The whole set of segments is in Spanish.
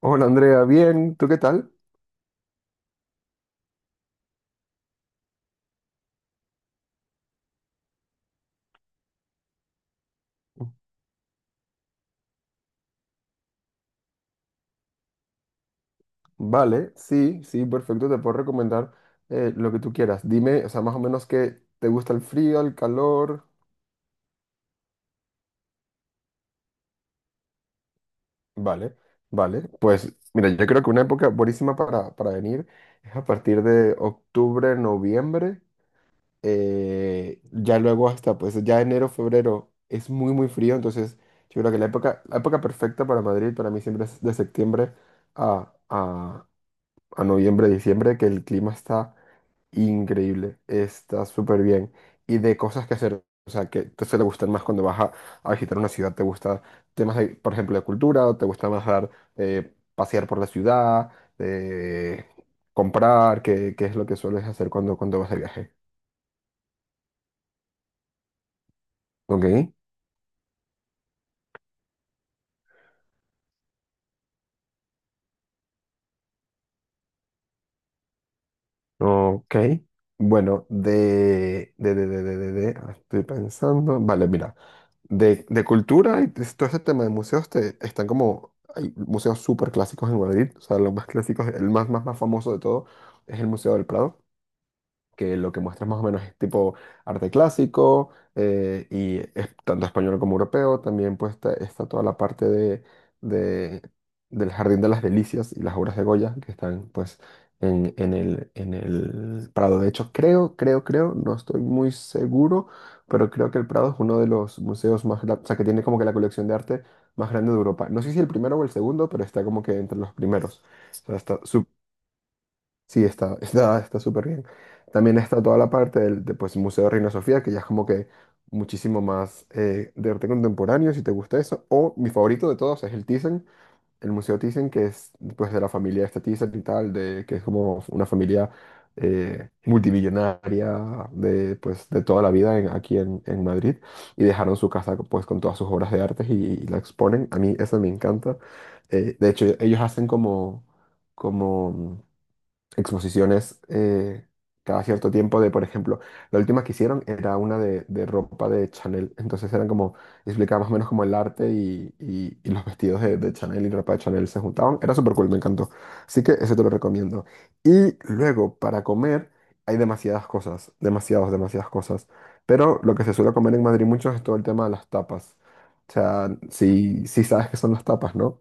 Hola Andrea, bien, ¿tú qué tal? Vale, sí, perfecto, te puedo recomendar lo que tú quieras. Dime, o sea, más o menos qué te gusta, el frío, el calor. Vale, vale, pues mira, yo creo que una época buenísima para venir es a partir de octubre, noviembre, ya luego hasta, pues ya enero, febrero es muy frío, entonces yo creo que la época perfecta para Madrid para mí siempre es de septiembre a, a, a noviembre, diciembre, que el clima está increíble, está súper bien. Y de cosas que hacer, o sea, que te suele gustar más cuando vas a visitar una ciudad? ¿Te gusta por ejemplo, de cultura? ¿O te gusta más dar, pasear por la ciudad, eh, comprar? ¿Qué es lo que sueles hacer cuando vas de viaje? Ok, ok. Bueno, estoy pensando. Vale, mira, de cultura y de todo este tema de museos están como, hay museos súper clásicos en Madrid, o sea, los más clásicos, el más famoso de todo es el Museo del Prado, que lo que muestras más o menos es tipo arte clásico, y es tanto español como europeo. También pues está toda la parte de- del Jardín de las Delicias y las obras de Goya, que están pues en el Prado. De hecho, creo, no estoy muy seguro, pero creo que el Prado es uno de los museos más grandes, o sea, que tiene como que la colección de arte más grande de Europa. No sé si el primero o el segundo, pero está como que entre los primeros. O sea, está... Sí, está, está súper bien. También está toda la parte del de, pues, Museo de Reina Sofía, que ya es como que muchísimo más de arte contemporáneo, si te gusta eso. O mi favorito de todos es el Thyssen, el Museo Thyssen, que es pues, de la familia esta Thyssen y tal, de, que es como una familia multimillonaria de, pues, de toda la vida aquí en Madrid. Y dejaron su casa pues, con todas sus obras de arte, y la exponen. A mí eso me encanta. De hecho, ellos hacen como... como exposiciones cada cierto tiempo de, por ejemplo, la última que hicieron era una de ropa de Chanel, entonces eran como, explicaba más o menos como el arte y los vestidos de Chanel y ropa de Chanel se juntaban, era súper cool, me encantó, así que eso te lo recomiendo. Y luego, para comer, hay demasiadas cosas, demasiadas cosas, pero lo que se suele comer en Madrid mucho es todo el tema de las tapas, o sea, si sabes qué son las tapas, ¿no?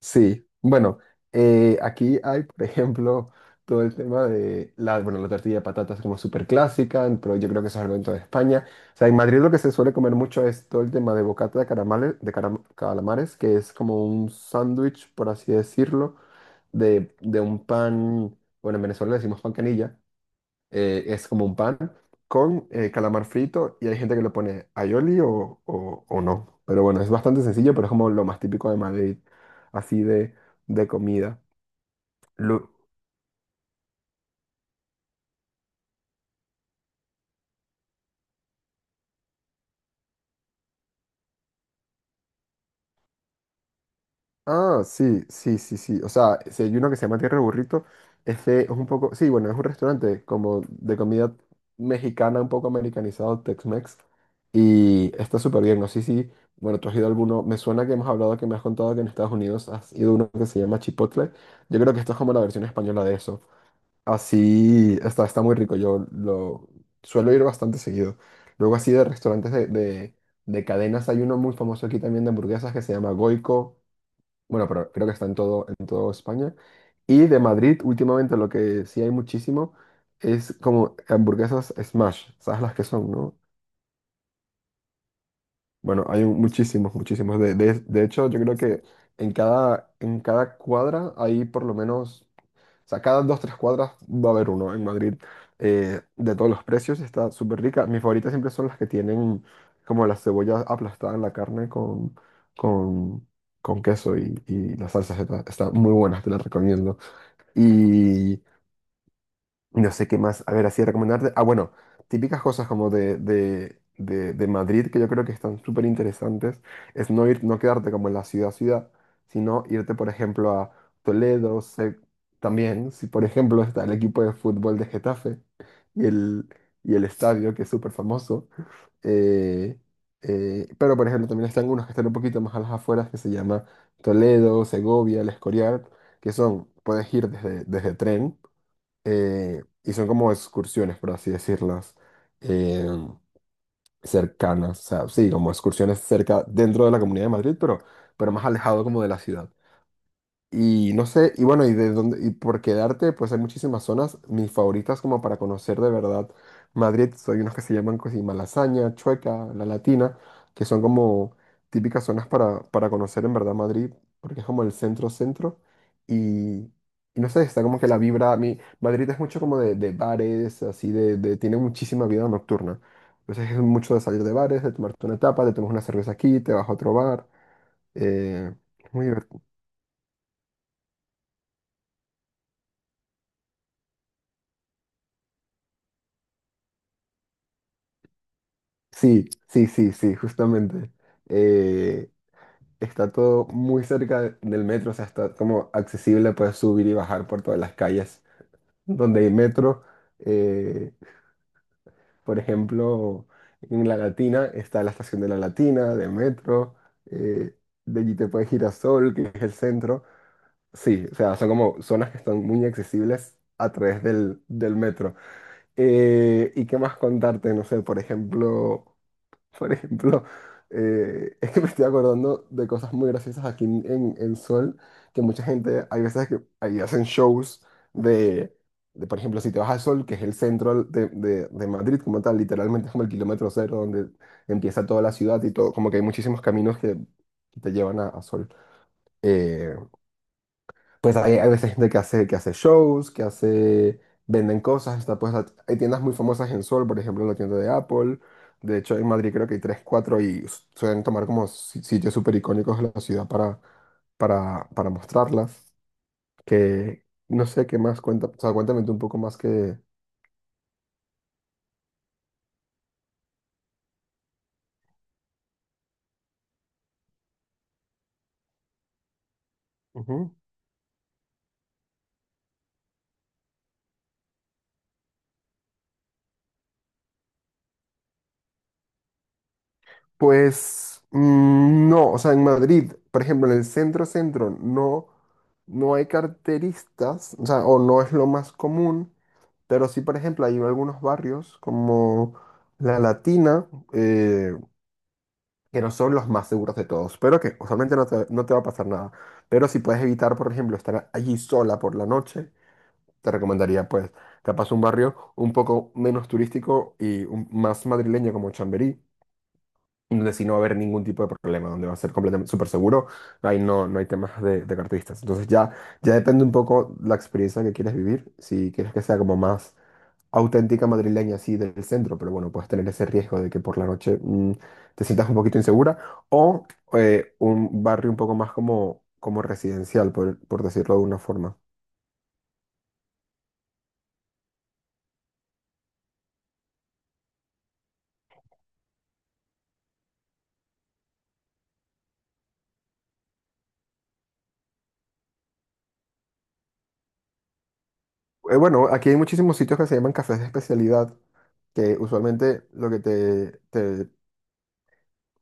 Sí, bueno, aquí hay, por ejemplo, todo el tema de la, bueno, la tortilla de patatas como súper clásica, pero yo creo que eso es algo en toda España. O sea, en Madrid lo que se suele comer mucho es todo el tema de bocata de caramales, calamares, que es como un sándwich, por así decirlo, de un pan, bueno, en Venezuela le decimos pan canilla, es como un pan con calamar frito, y hay gente que le pone aioli o no. Pero bueno, es bastante sencillo, pero es como lo más típico de Madrid, así de comida. Ah, sí. O sea, si hay uno que se llama Tierra de Burrito, este es un poco, sí, bueno, es un restaurante como de comida mexicana, un poco americanizado, Tex-Mex. Y está súper bien, no sé si, bueno, tú has ido a alguno, me suena que hemos hablado, que me has contado que en Estados Unidos has ido a uno que se llama Chipotle. Yo creo que esto es como la versión española de eso. Así, está muy rico, yo lo suelo ir bastante seguido. Luego así de restaurantes de cadenas, hay uno muy famoso aquí también de hamburguesas que se llama Goico. Bueno, pero creo que está en en toda España. Y de Madrid, últimamente lo que sí hay muchísimo es como hamburguesas smash, ¿sabes las que son, no? Bueno, muchísimos, muchísimos. De hecho, yo creo que en en cada cuadra hay por lo menos, o sea, cada dos, tres cuadras va a haber uno en Madrid, de todos los precios, y está súper rica. Mis favoritas siempre son las que tienen como la cebolla aplastada en la carne con, con queso y las salsas. Está, está muy buena, te la recomiendo. y no sé qué más, a ver, así recomendarte. Ah, bueno, típicas cosas como de Madrid que yo creo que están súper interesantes, es no ir, no quedarte como en la ciudad, sino irte, por ejemplo, a Toledo, también, si por ejemplo está el equipo de fútbol de Getafe y el, y el estadio, que es súper famoso. eh, pero, por ejemplo, también están unos que están un poquito más a las afueras, que se llama Toledo, Segovia, El Escorial, que son, puedes ir desde, desde tren, y son como excursiones, por así decirlas, eh, cercanas, o sea, sí, como excursiones cerca dentro de la Comunidad de Madrid, pero más alejado como de la ciudad. Y no sé, y bueno, y de dónde, y por quedarte, pues hay muchísimas zonas. Mis favoritas como para conocer de verdad Madrid, hay unas que se llaman così Malasaña, Chueca, La Latina, que son como típicas zonas para conocer en verdad Madrid, porque es como el centro centro. Y, y no sé, está como que la vibra, a mí, Madrid es mucho como de bares, así tiene muchísima vida nocturna. Entonces es mucho de salir de bares, de tomarte una tapa, te tomas una cerveza aquí, te vas a otro bar. eh, es muy divertido. Sí, justamente. Eh, Está todo muy cerca del metro, o sea, está como accesible, puedes subir y bajar por todas las calles donde hay metro. eh, por ejemplo, en La Latina está la estación de La Latina, de metro, eh, de allí te puedes ir a Sol, que es el centro. Sí, o sea, son como zonas que están muy accesibles a través del metro. ¿Y qué más contarte? No sé, por ejemplo... Por ejemplo, es que me estoy acordando de cosas muy graciosas aquí en Sol, que mucha gente, hay veces que ahí hacen shows de, de, por ejemplo, si te vas a Sol, que es el centro de Madrid como tal, literalmente es como el kilómetro cero donde empieza toda la ciudad y todo, como que hay muchísimos caminos que te llevan a Sol. Eh, pues hay veces gente que hace, que hace, venden cosas, está pues hay tiendas muy famosas en Sol, por ejemplo, la tienda de Apple, de hecho en Madrid creo que hay tres, cuatro, suelen tomar como sitios súper icónicos de la ciudad para mostrarlas, que no sé qué más cuenta, o sea, cuéntame tú un poco más que... Ujú. Pues mm, no, o sea, en Madrid, por ejemplo, en el centro centro no, no hay carteristas, o sea, o no es lo más común. Pero sí, por ejemplo, hay algunos barrios como La Latina, eh, que no son los más seguros de todos, pero que usualmente no te va a pasar nada. Pero si puedes evitar, por ejemplo, estar allí sola por la noche, te recomendaría, pues, capaz un barrio un poco menos turístico más madrileño como Chamberí, donde sí no va a haber ningún tipo de problema, donde va a ser completamente súper seguro, ahí no, no hay temas de carteristas. Entonces ya, ya depende un poco la experiencia que quieres vivir, si quieres que sea como más auténtica madrileña así del centro, pero bueno, puedes tener ese riesgo de que por la noche mm, te sientas un poquito insegura, o un barrio un poco más como, como residencial, por decirlo de alguna forma. Bueno, aquí hay muchísimos sitios que se llaman cafés de especialidad, que usualmente lo que te,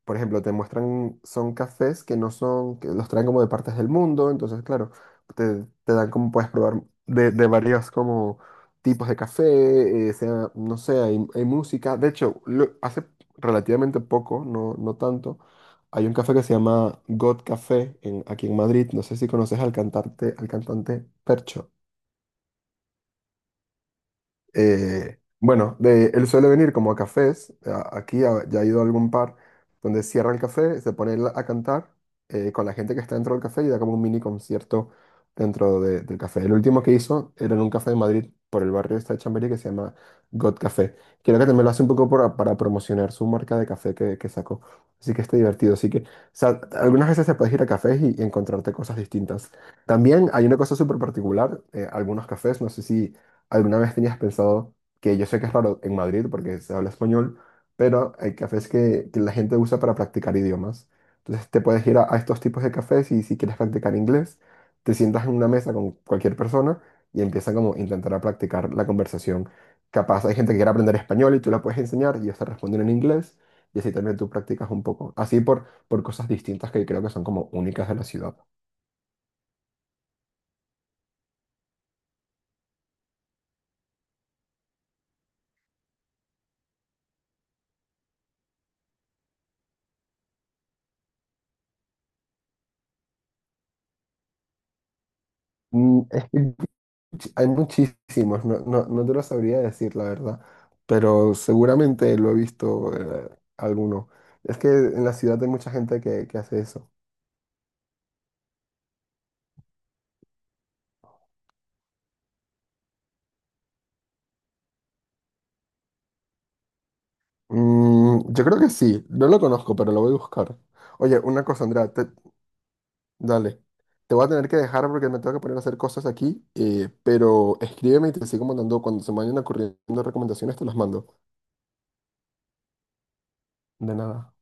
por ejemplo, te muestran, son cafés que no son, que los traen como de partes del mundo, entonces, claro, te dan como puedes probar de varios como tipos de café, sea, no sé, hay música. De hecho, hace relativamente poco, no tanto, hay un café que se llama God Café en, aquí en Madrid, no sé si conoces al cantante Percho. Bueno, de, él suele venir como a cafés, aquí ya ha ido a algún par, donde cierra el café, se pone él a cantar con la gente que está dentro del café, y da como un mini concierto dentro del café. El último que hizo era en un café de Madrid por el barrio este de Chamberí que se llama God Café. Creo que también lo hace un poco para promocionar su marca de café que sacó. Así que está divertido. Así que, o sea, algunas veces te puedes ir a cafés y encontrarte cosas distintas. También hay una cosa súper particular, algunos cafés, no sé si... ¿Alguna vez tenías pensado, que yo sé que es raro en Madrid porque se habla español, pero hay cafés que la gente usa para practicar idiomas? Entonces te puedes ir a estos tipos de cafés, y si quieres practicar inglés, te sientas en una mesa con cualquier persona y empiezan como a intentar a practicar la conversación. Capaz hay gente que quiere aprender español y tú la puedes enseñar y ellos te responden en inglés, y así también tú practicas un poco. Así por cosas distintas que creo que son como únicas de la ciudad. Mm, es que hay muchísimos, no te lo sabría decir, la verdad, pero seguramente lo he visto alguno. Es que en la ciudad hay mucha gente que hace eso. Mm, yo creo que sí, no lo conozco, pero lo voy a buscar. Oye, una cosa, Andrea, dale, te voy a tener que dejar porque me tengo que poner a hacer cosas aquí, pero escríbeme y te sigo mandando, cuando se me vayan ocurriendo recomendaciones, te las mando. De nada.